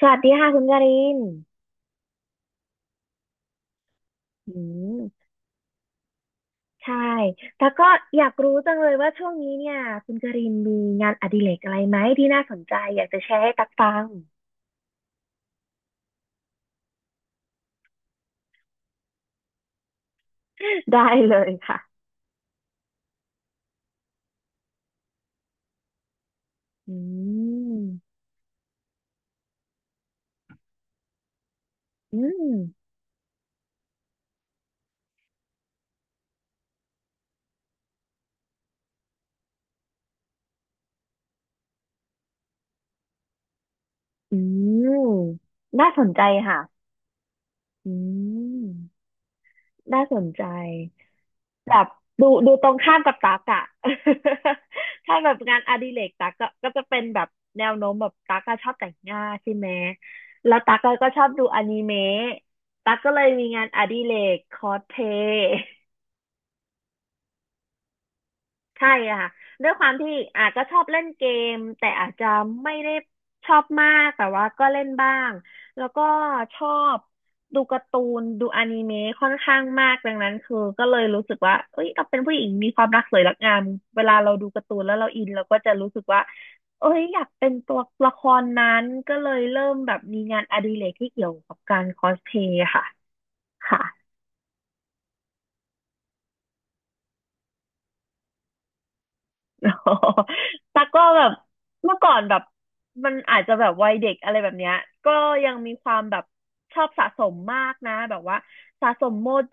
สวัสดีค่ะคุณการินอืมใช่ แล้วก็อยากรู้จังเลยว่าช่วงนี้เนี่ยคุณการินมีงานอดิเรกอะไรไหมที่น่าสนใจอยากจะแชร์ให้ตักฟัง ได้เลยค่ะอืมอืมอืมน่าสนใจค่ะอืมน่าสนใจ แบบดูตรงข้ามกับตักอะ ถ้าแบบงานอดิเรกตักก็จะเป็นแบบแนวโน้มแบบตักก็ชอบแต่งหน้าใช่ไหมแล้วตักก็ชอบดูอนิเมะตักก็เลยมีงานอดิเรกคอสเพลย์ ใช่อะค่ะด้วยความที่อาจจะชอบเล่นเกมแต่อาจจะไม่ได้ชอบมากแต่ว่าก็เล่นบ้างแล้วก็ชอบดูการ์ตูนดูอนิเมะค่อนข้างมากดังนั้นคือก็เลยรู้สึกว่าเอ้ยเราเป็นผู้หญิงมีความรักสวยรักงามเวลาเราดูการ์ตูนแล้วเราอินเราก็จะรู้สึกว่าเอ้ยอยากเป็นตัวละครนั้นก็เลยเริ่มแบบมีงานอดิเรกที่เกี่ยวกับการคอสเพลย์ค่ะค่ะ อ๋อตักก็แบบเมื่อก่อนแบบมันอาจจะแบบวัยเด็กอะไรแบบเนี้ยก็ยังมีความแบบชอบสะสมมากนะแบบว่าสะสมโมเด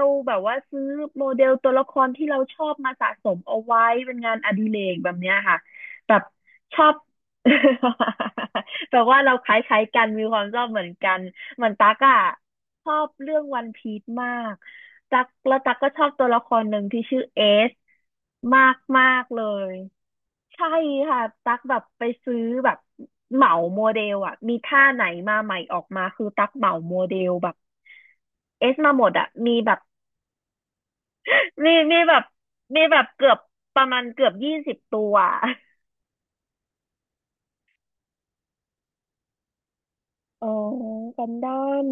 ลแบบว่าซื้อโมเดลตัวละครที่เราชอบมาสะสมเอาไว้เป็นงานอดิเรกแบบเนี้ยค่ะแบบชอบ แบบว่าเราคล้ายๆกันมีความชอบเหมือนกัน เหมือนตั๊กอะชอบเรื่องวันพีซมากตั๊กแล้วตั๊กก็ชอบตัวละครหนึ่งที่ชื่อเอสมากมากเลยใช่ค่ะตั๊กแบบไปซื้อแบบเหมาโมเดลอะมีท่าไหนมาใหม่ออกมาคือตั๊กเหมาโมเดลแบบเอสมาหมดอะมีแบบ มีแบบมีแบบเกือบประมาณเกือบ20 ตัวอ๋อกันดอน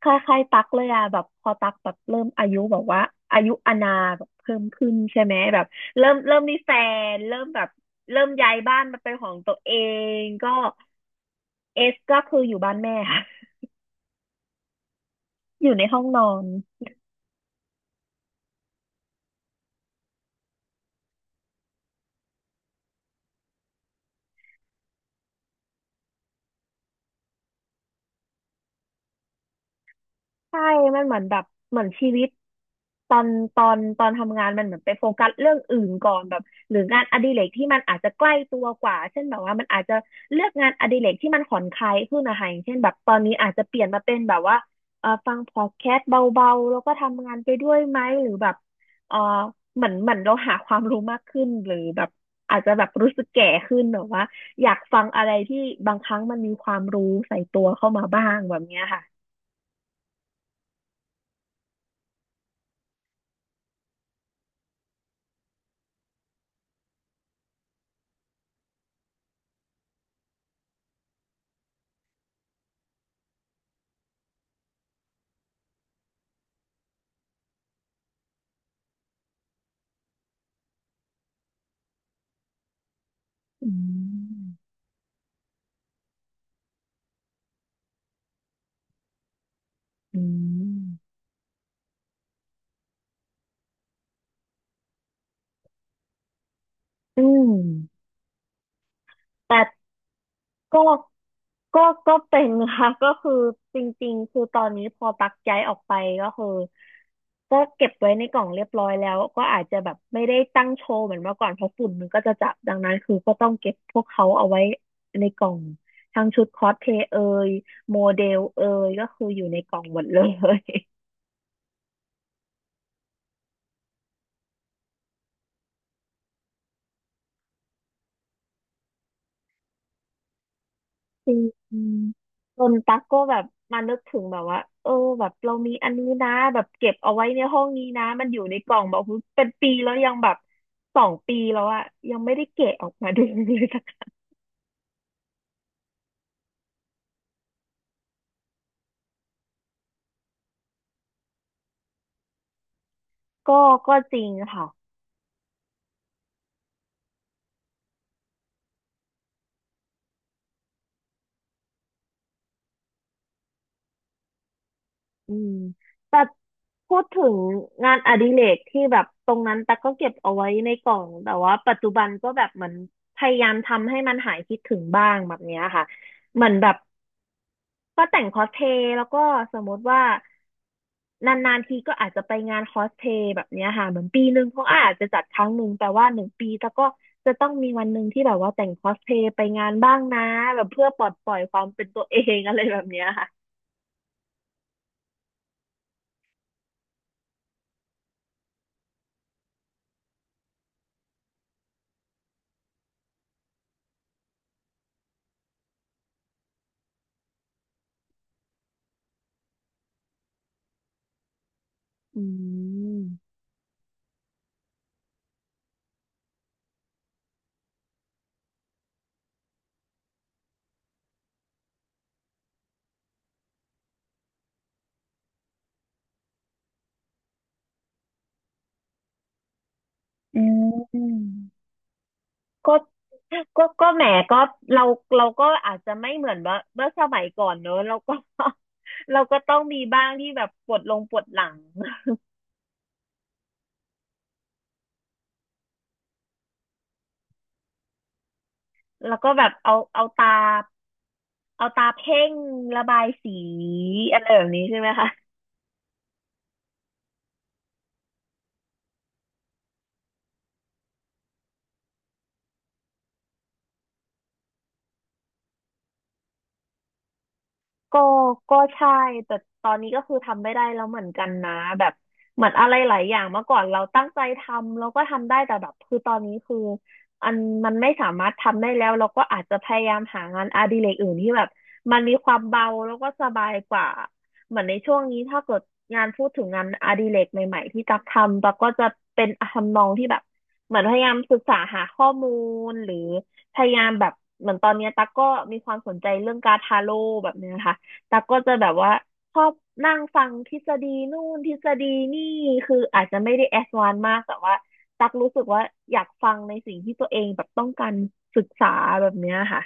คล้ายคล้ายๆตักเลยอะแบบพอตักแบบเริ่มอายุแบบว่าอายุอานาแบบเพิ่มขึ้นใช่ไหมแบบเริ่มมีแฟนเริ่มแบบเริ่มย้ายบ้านมาเป็นของตัวเองก็เอสก็คืออยู่บ้านแม่ค่ะอยู่ในห้องนอน ใช่ มันเหมือนแบบเหมือนชีวิตตอนตอนทำงานมันเหมือนไปโฟกัสเรื่องอื่นก่อนแบบหรืองานอดิเรกที่มันอาจจะใกล้ตัวกว่าเช่นแบบว่ามันอาจจะเลือกงานอดิเรกที่มันผ่อนคลายขึ้นนะคะอย่างเช่นแบบตอนนี้อาจจะเปลี่ยนมาเป็นแบบว่าเออฟังพอดแคสต์เบาๆแล้วก็ทำงานไปด้วยไหมหรือแบบเออเหมือนเหมือนเราหาความรู้มากขึ้นหรือแบบอาจจะแบบรู้สึกแก่ขึ้นแบบว่าอยากฟังอะไรที่บางครั้งมันมีความรู้ใส่ตัวเข้ามาบ้างแบบเนี้ยค่ะอืม อืมอืมแต่ก็ก็ก็เป็นค่ะ ก็คือจริงๆคือตอนนี้พอตักย้ายออกไปก็คือก็เก็บไว้ในกล่องเรียบร้อยแล้วก็อาจจะแบบไม่ได้ตั้งโชว์เหมือนเมื่อก่อนเพราะฝุ่นมันก็จะจับดังนั้นคือก็ต้องเก็บพวกเขาเอาไว้ในกล่องทั้งชุดคอสเพลย์เอยโมเดลเอยก็คืออยู่ในกล่องหมดเลย จริงจนตั๊กก็แบบมานึกถึงแบบว่าเออแบบเรามีอันนี้นะแบบเก็บเอาไว้ในห้องนี้นะมันอยู่ในกล่องแบบเป็นปีแล้วยังแบบ2 ปีแล้วอะยังไม่ได้แกะออกมา ดูเลยสักก็ก็จริงค่ะอืมแต่พูดถึงงานอดิเรกที่แบบตรงนั้นตั๊กก็เก็บเอาไว้ในกล่องแต่ว่าปัจจุบันก็แบบเหมือนพยายามทำให้มันหายคิดถึงบ้างแบบเนี้ยค่ะเหมือนแบบ ก็แต่งคอสเพลย์แล้วก็สมมติว่านานๆทีก็อาจจะไปงานคอสเพลย์แบบเนี้ยค่ะเหมือนปีหนึ่งเขาอาจจะจัดครั้งหนึ่งแต่ว่าหนึ่งปีแล้วก็จะต้องมีวันหนึ่งที่แบบว่าแต่งคอสเพลย์ไปงานบ้างนะแบบเพื่อปลดปล่อยความเป็นตัวเอง อะไรแบบเนี้ยค่ะอืมอืมก็ก็แหมก็เราเราก็อาจจะไม่เหมือนว่าเมื่อสมัยก่อนเนอะเราก็ เราก็ต้องมีบ้างที่แบบปวดลงปวดหลัง แล้วก็แบบเอาตาเอาตาเพ่งระบายสีอะไรแบบนี้ใช่ไหมคะ ก็ก็ใช่แต่ตอนนี้ก็คือทำไม่ได้แล้วเหมือนกันนะแบบเหมือนอะไรหลายอย่างเมื่อก่อนเราตั้งใจทำเราก็ทำได้แต่แบบคือตอนนี้คืออันมันไม่สามารถทำได้แล้วเราก็อาจจะพยายามหางานอดิเรกอื่นที่แบบมันมีความเบาแล้วก็สบายกว่าเหมือนในช่วงนี้ถ้าเกิดงานพูดถึงงานอดิเรกใหม่ๆที่ตักทำตักก็จะเป็นทำนองที่แบบเหมือนพยายามศึกษาหาข้อมูลหรือพยายามแบบเหมือนตอนเนี้ยตั๊กก็มีความสนใจเรื่องการดทาโร่แบบเนี้ยค่ะ ตักก็จะแบบว่าชอบนั่งฟังทฤษฎีนู่นทฤษฎีนี่คืออาจจะไม่ได้แอดวานซ์มากแต่ว่าตักรู้สึกว่าอยากฟังในสิ่งที่ตัวเองแบบต้องการศึกษาแบบเนี้ยค่ะ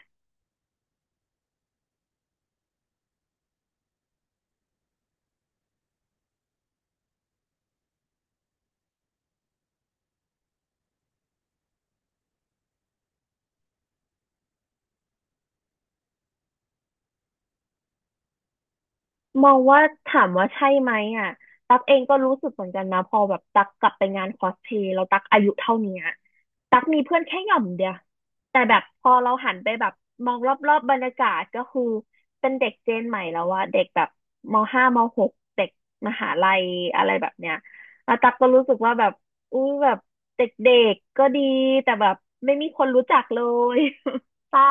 มองว่าถามว่าใช่ไหมอ่ะตักเองก็รู้สึกเหมือนกันนะพอแบบตักกลับไปงานคอสเพลย์แตักอายุเท่าเนี้ยตักมีเพื่อนแค่หย่อมเดียวแต่แบบพอเราหันไปแบบมองรอบๆบรรยากาศก็คือเป็นเด็กเจนใหม่แล้วว่าเด็กแบบมห้ามหกเด็กมหาลัยอะไรแบบเนี้ยแล้วตักก็รู้สึกว่าแบบอุ้ยแบบเด็กๆก็ดีแต่แบบไม่มีคนรู้จักเลย เศร้า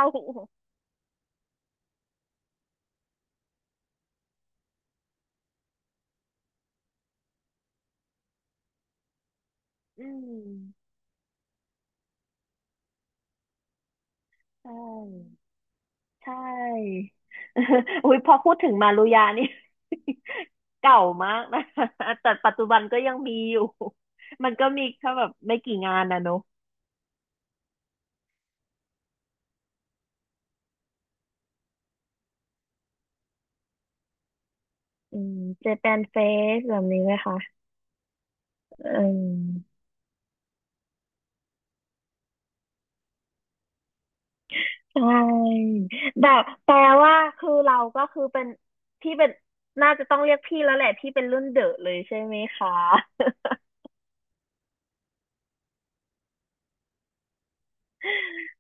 อืมใช่ ใช่ อุ้ยพอพูดถึงมารุยานี่ เก่ามากนะ แต่ปัจจุบันก็ยังมีอยู่ มันก็มีแค่แบบไม่กี่งานนะเนอะอืมเจแปนเฟสแบบนี้ไหมคะเอืมใช่แบบแปลว่าคือเราก็คือเป็นพี่เป็นน่าจะต้องเรียกพี่แล้วแหละพี่เป็นรุ่นเดอะเลยใช่ไหมคะ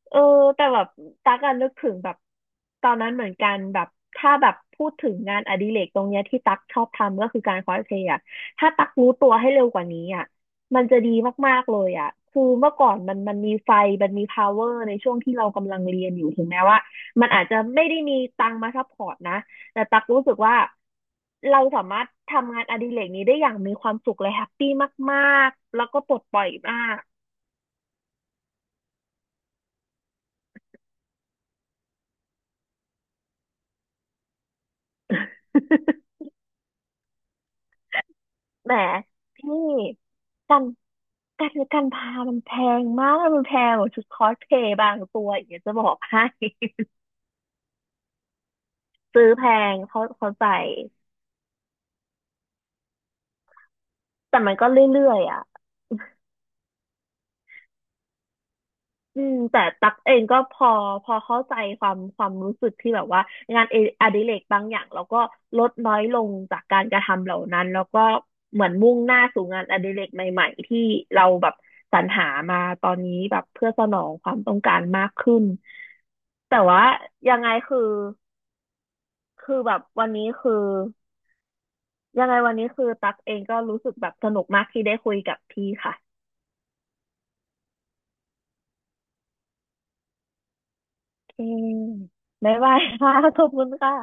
เออแต่แบบตักอันนึกถึงแบบตอนนั้นเหมือนกันแบบถ้าแบบพูดถึงงานอดิเรกตรงเนี้ยที่ตักชอบทำก็คือการคอสเพลย์อะถ้าตักรู้ตัวให้เร็วกว่านี้อะมันจะดีมากๆเลยอะคือเมื่อก่อนมันมีไฟมันมี power ในช่วงที่เรากำลังเรียนอยู่ถึงแม้ว่ามันอาจจะไม่ได้มีตังค์มาซัพพอร์ตนะแต่ตักรู้สึกว่าเราสามารถทำงานอดิเรกนี้ได้อย่างมีความสุขและแฮปปี้มากๆแล้วก็ปลดปล่อยมาก แหมพี่กันการพามันแพงมากมันแพงกว่าชุดคอสเพลย์บางตัวอย่างเนี้ยจะบอกให้ ซื้อแพงเขาเข้าใจแต่มันก็เรื่อยๆอ่ะอืมแต่ตักเองก็พอเข้าใจความรู้สึกที่แบบว่างานเออดิเรกบางอย่างเราก็ลดน้อยลงจากการกระทำเหล่านั้นแล้วก็เหมือนมุ่งหน้าสู่งานอดิเรกใหม่ๆที่เราแบบสรรหามาตอนนี้แบบเพื่อสนองความต้องการมากขึ้น แต่ว่ายังไงคือคือแบบวันนี้คือยังไงวันนี้คือตั๊กเองก็รู้สึกแบบสนุกมากที่ได้คุยกับพี่ค่ะโอเคบ๊ายบายค่ะขอบคุณค่ะ